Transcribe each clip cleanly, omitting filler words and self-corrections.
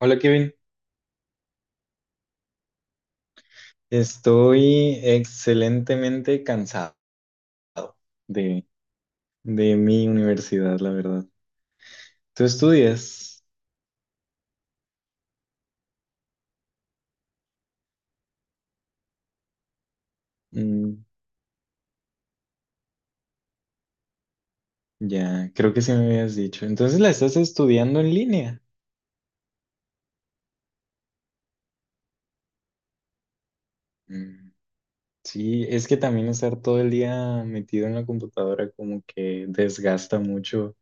Hola, Kevin. Estoy excelentemente cansado de, de mi universidad, la verdad. ¿Tú estudias? Mm, ya, creo que sí me habías dicho. Entonces la estás estudiando en línea. Mm, sí, es que también estar todo el día metido en la computadora como que desgasta mucho,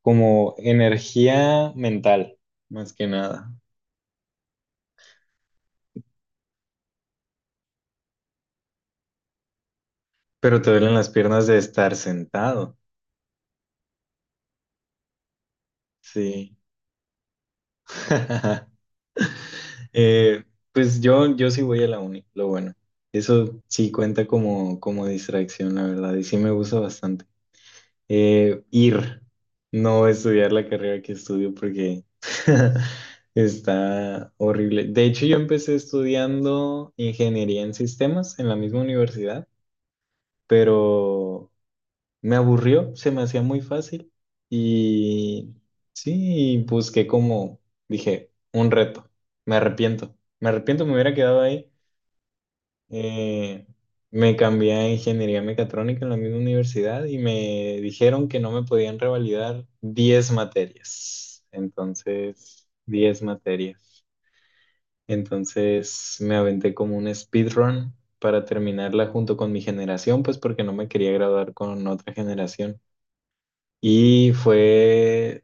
como energía mental, más que nada. Pero te duelen las piernas de estar sentado. Sí. Eh, pues yo sí voy a la uni, lo bueno. Eso sí cuenta como distracción, la verdad, y sí me gusta bastante. Ir, no estudiar la carrera que estudio porque está horrible. De hecho, yo empecé estudiando ingeniería en sistemas en la misma universidad, pero me aburrió, se me hacía muy fácil y sí, busqué como, dije, un reto. Me arrepiento, me arrepiento, me hubiera quedado ahí. Eh, Me cambié a ingeniería mecatrónica en la misma universidad y me dijeron que no me podían revalidar 10 materias. Entonces, 10 materias. Entonces, me aventé como un speedrun para terminarla junto con mi generación, pues porque no me quería graduar con otra generación. Y fue,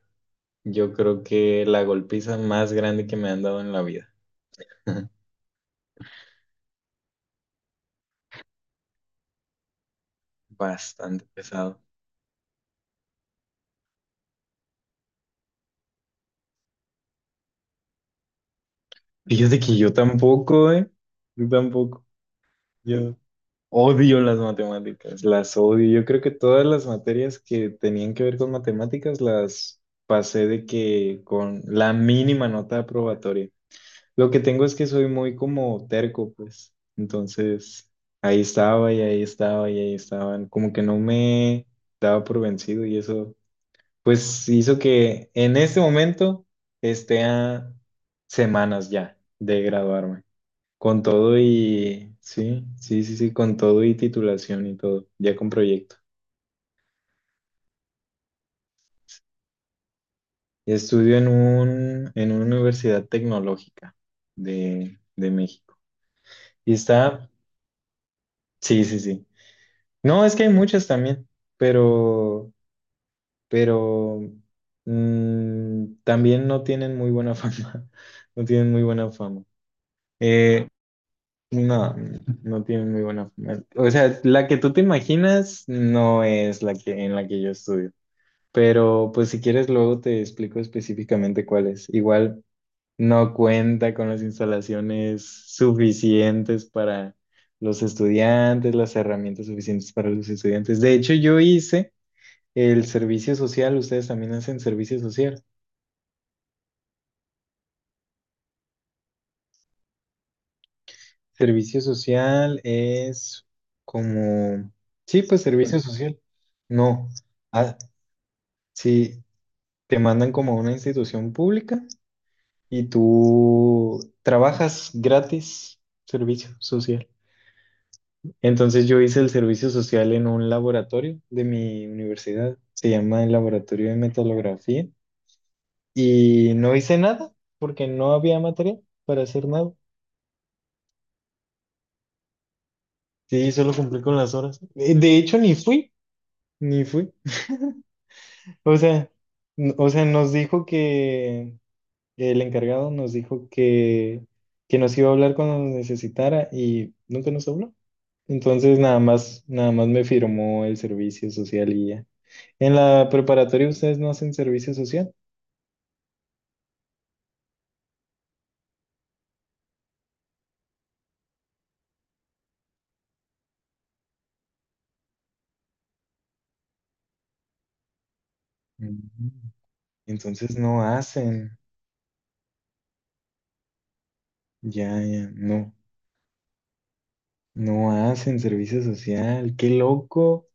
yo creo que la golpiza más grande que me han dado en la vida. Bastante pesado. Fíjate que yo tampoco, ¿eh? Yo tampoco. Yo odio las matemáticas, las odio. Yo creo que todas las materias que tenían que ver con matemáticas las pasé de que con la mínima nota aprobatoria. Lo que tengo es que soy muy como terco, pues. Entonces, ahí estaba y ahí estaba y ahí estaban. Como que no me daba por vencido y eso, pues hizo que en este momento esté a semanas ya de graduarme. Con todo y, sí, sí, sí, sí, con todo y titulación y todo, ya con proyecto. Y estudio en en una universidad tecnológica de México. Y está, sí, sí, sí. No, es que hay muchas también, pero, pero también no tienen muy buena fama. No tienen muy buena fama. Eh, no, no tienen muy buena fama. O sea, la que tú te imaginas no es la que en la que yo estudio. Pero pues si quieres luego te explico específicamente cuál es. Igual no cuenta con las instalaciones suficientes para los estudiantes, las herramientas suficientes para los estudiantes. De hecho, yo hice el servicio social, ustedes también hacen servicio social. Servicio social es como, sí, pues servicio social. No, ah, sí, te mandan como a una institución pública y tú trabajas gratis servicio social. Entonces yo hice el servicio social en un laboratorio de mi universidad, se llama el Laboratorio de Metalografía, y no hice nada porque no había material para hacer nada. Sí, solo cumplí con las horas. De hecho, ni fui, ni fui. O sea, o sea, nos dijo que el encargado nos dijo que nos iba a hablar cuando nos necesitara y nunca nos habló. Entonces, nada más, nada más me firmó el servicio social y ya. En la preparatoria ustedes no hacen servicio social. Mm. Entonces no hacen. Ya, ya, no. No hacen servicio social. Qué loco.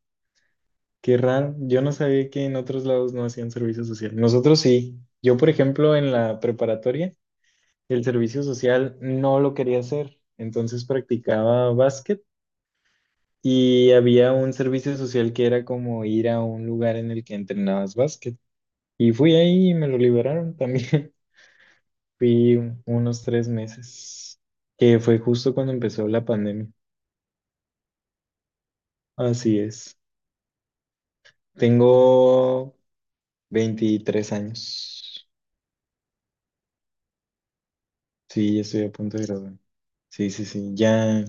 Qué raro, yo no sabía que en otros lados no hacían servicio social. Nosotros sí. Yo, por ejemplo, en la preparatoria, el servicio social no lo quería hacer. Entonces practicaba básquet y había un servicio social que era como ir a un lugar en el que entrenabas básquet. Y fui ahí y me lo liberaron también. Fui unos 3 meses, que fue justo cuando empezó la pandemia. Así es. Tengo 23 años. Sí, ya estoy a punto de graduar. Sí, sí, sí, ya,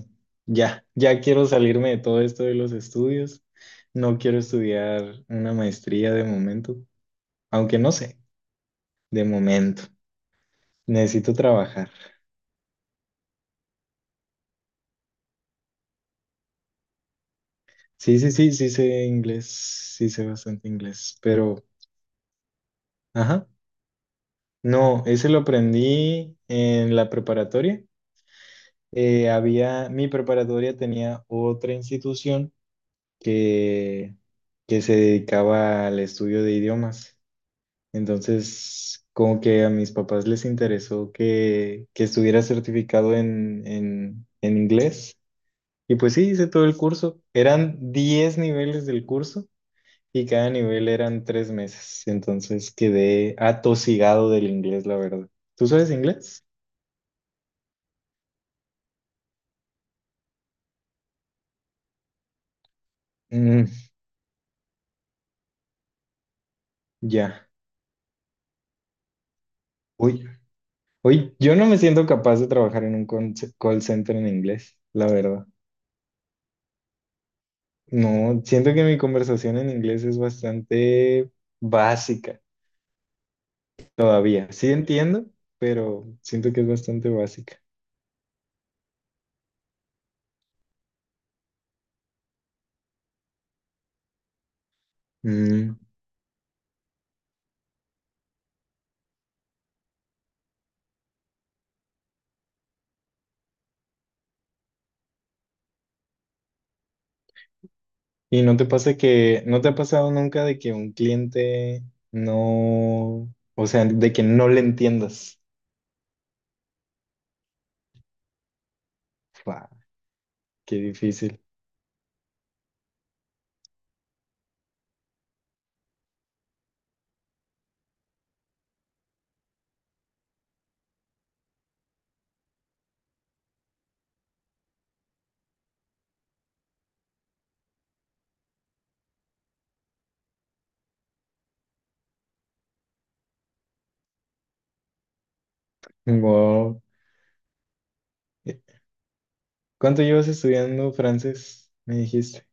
ya, ya quiero salirme de todo esto de los estudios. No quiero estudiar una maestría de momento, aunque no sé, de momento. Necesito trabajar. Sí, sí, sí, sí sé inglés, sí sé bastante inglés, pero, ajá, no, ese lo aprendí en la preparatoria. Mi preparatoria tenía otra institución que, que se dedicaba al estudio de idiomas. Entonces, como que a mis papás les interesó que estuviera certificado en inglés. Y pues sí, hice todo el curso. Eran 10 niveles del curso y cada nivel eran 3 meses. Entonces quedé atosigado del inglés, la verdad. ¿Tú sabes inglés? Mm, ya. Uy, uy, yo no me siento capaz de trabajar en un call center en inglés, la verdad. No, siento que mi conversación en inglés es bastante básica. Todavía, sí entiendo, pero siento que es bastante básica. Mm. ¿Y no te pasa no te ha pasado nunca de que un cliente no, o sea, de que no le entiendas? Fua, qué difícil. Wow. ¿Cuánto llevas estudiando francés? Me dijiste.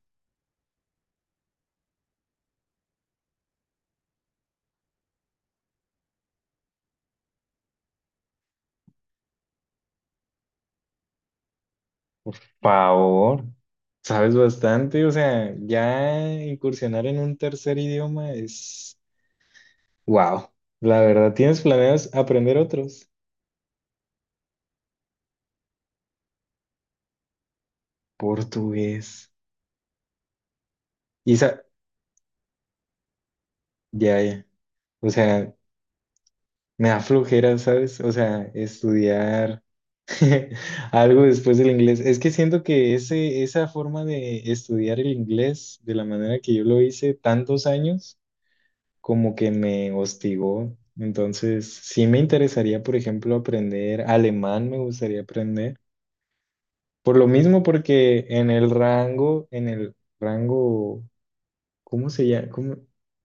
Favor, sabes bastante, o sea, ya incursionar en un tercer idioma es, wow. La verdad, ¿tienes planeas aprender otros? Portugués. ¿Y sa- Ya, ya. O sea, me da flojera, ¿sabes? O sea, estudiar algo después del inglés. Es que siento que esa forma de estudiar el inglés de la manera que yo lo hice tantos años, como que me hostigó. Entonces, sí me interesaría, por ejemplo, aprender alemán, me gustaría aprender. Por lo mismo, porque en el rango, ¿cómo se llama? ¿Cómo?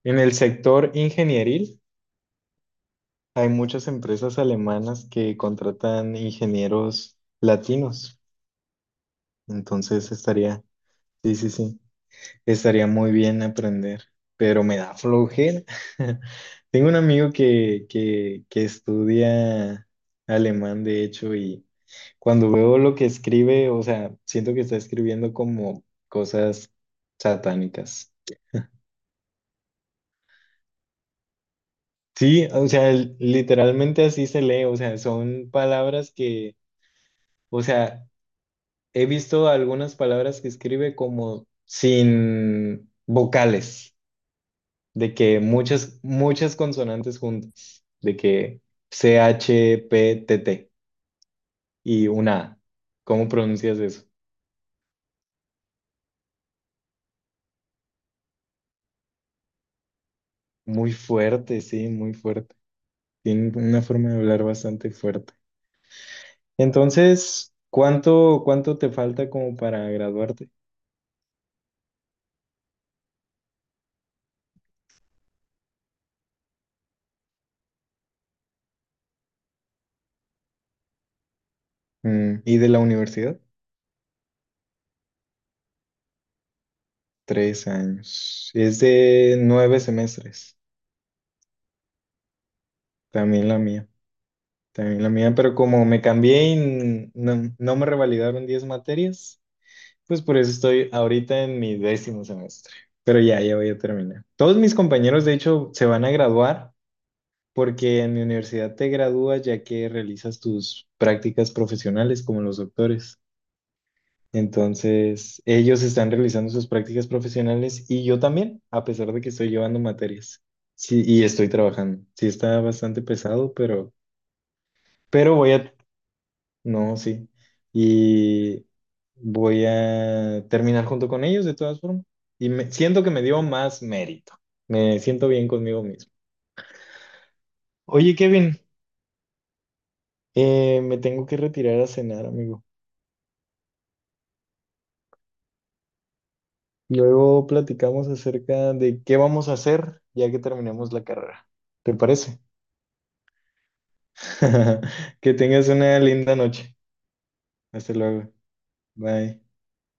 En el sector ingenieril. Hay muchas empresas alemanas que contratan ingenieros latinos, entonces estaría, sí, sí, sí, estaría muy bien aprender, pero me da flojera. Tengo un amigo que estudia alemán, de hecho, y cuando veo lo que escribe, o sea, siento que está escribiendo como cosas satánicas. Sí, o sea, literalmente así se lee, o sea, son palabras o sea, he visto algunas palabras que escribe como sin vocales, de que muchas, muchas consonantes juntas, de que CH, P, T, T y una A. ¿Cómo pronuncias eso? Muy fuerte, sí, muy fuerte. Tiene una forma de hablar bastante fuerte. Entonces, ¿cuánto te falta como para graduarte? ¿Y de la universidad? 3 años. Es de nueve semestres, también la mía. También la mía, pero como me cambié y no, no me revalidaron 10 materias, pues por eso estoy ahorita en mi 10.º semestre. Pero ya, ya voy a terminar. Todos mis compañeros, de hecho, se van a graduar porque en mi universidad te gradúas ya que realizas tus prácticas profesionales como los doctores. Entonces, ellos están realizando sus prácticas profesionales y yo también, a pesar de que estoy llevando materias. Sí, y estoy trabajando. Sí, está bastante pesado, pero. Pero voy a. No, sí. Y voy a terminar junto con ellos de todas formas. Y siento que me dio más mérito. Me siento bien conmigo mismo. Oye, Kevin, me tengo que retirar a cenar, amigo. Luego platicamos acerca de qué vamos a hacer ya que terminemos la carrera. ¿Te parece? Que tengas una linda noche. Hasta luego. Bye.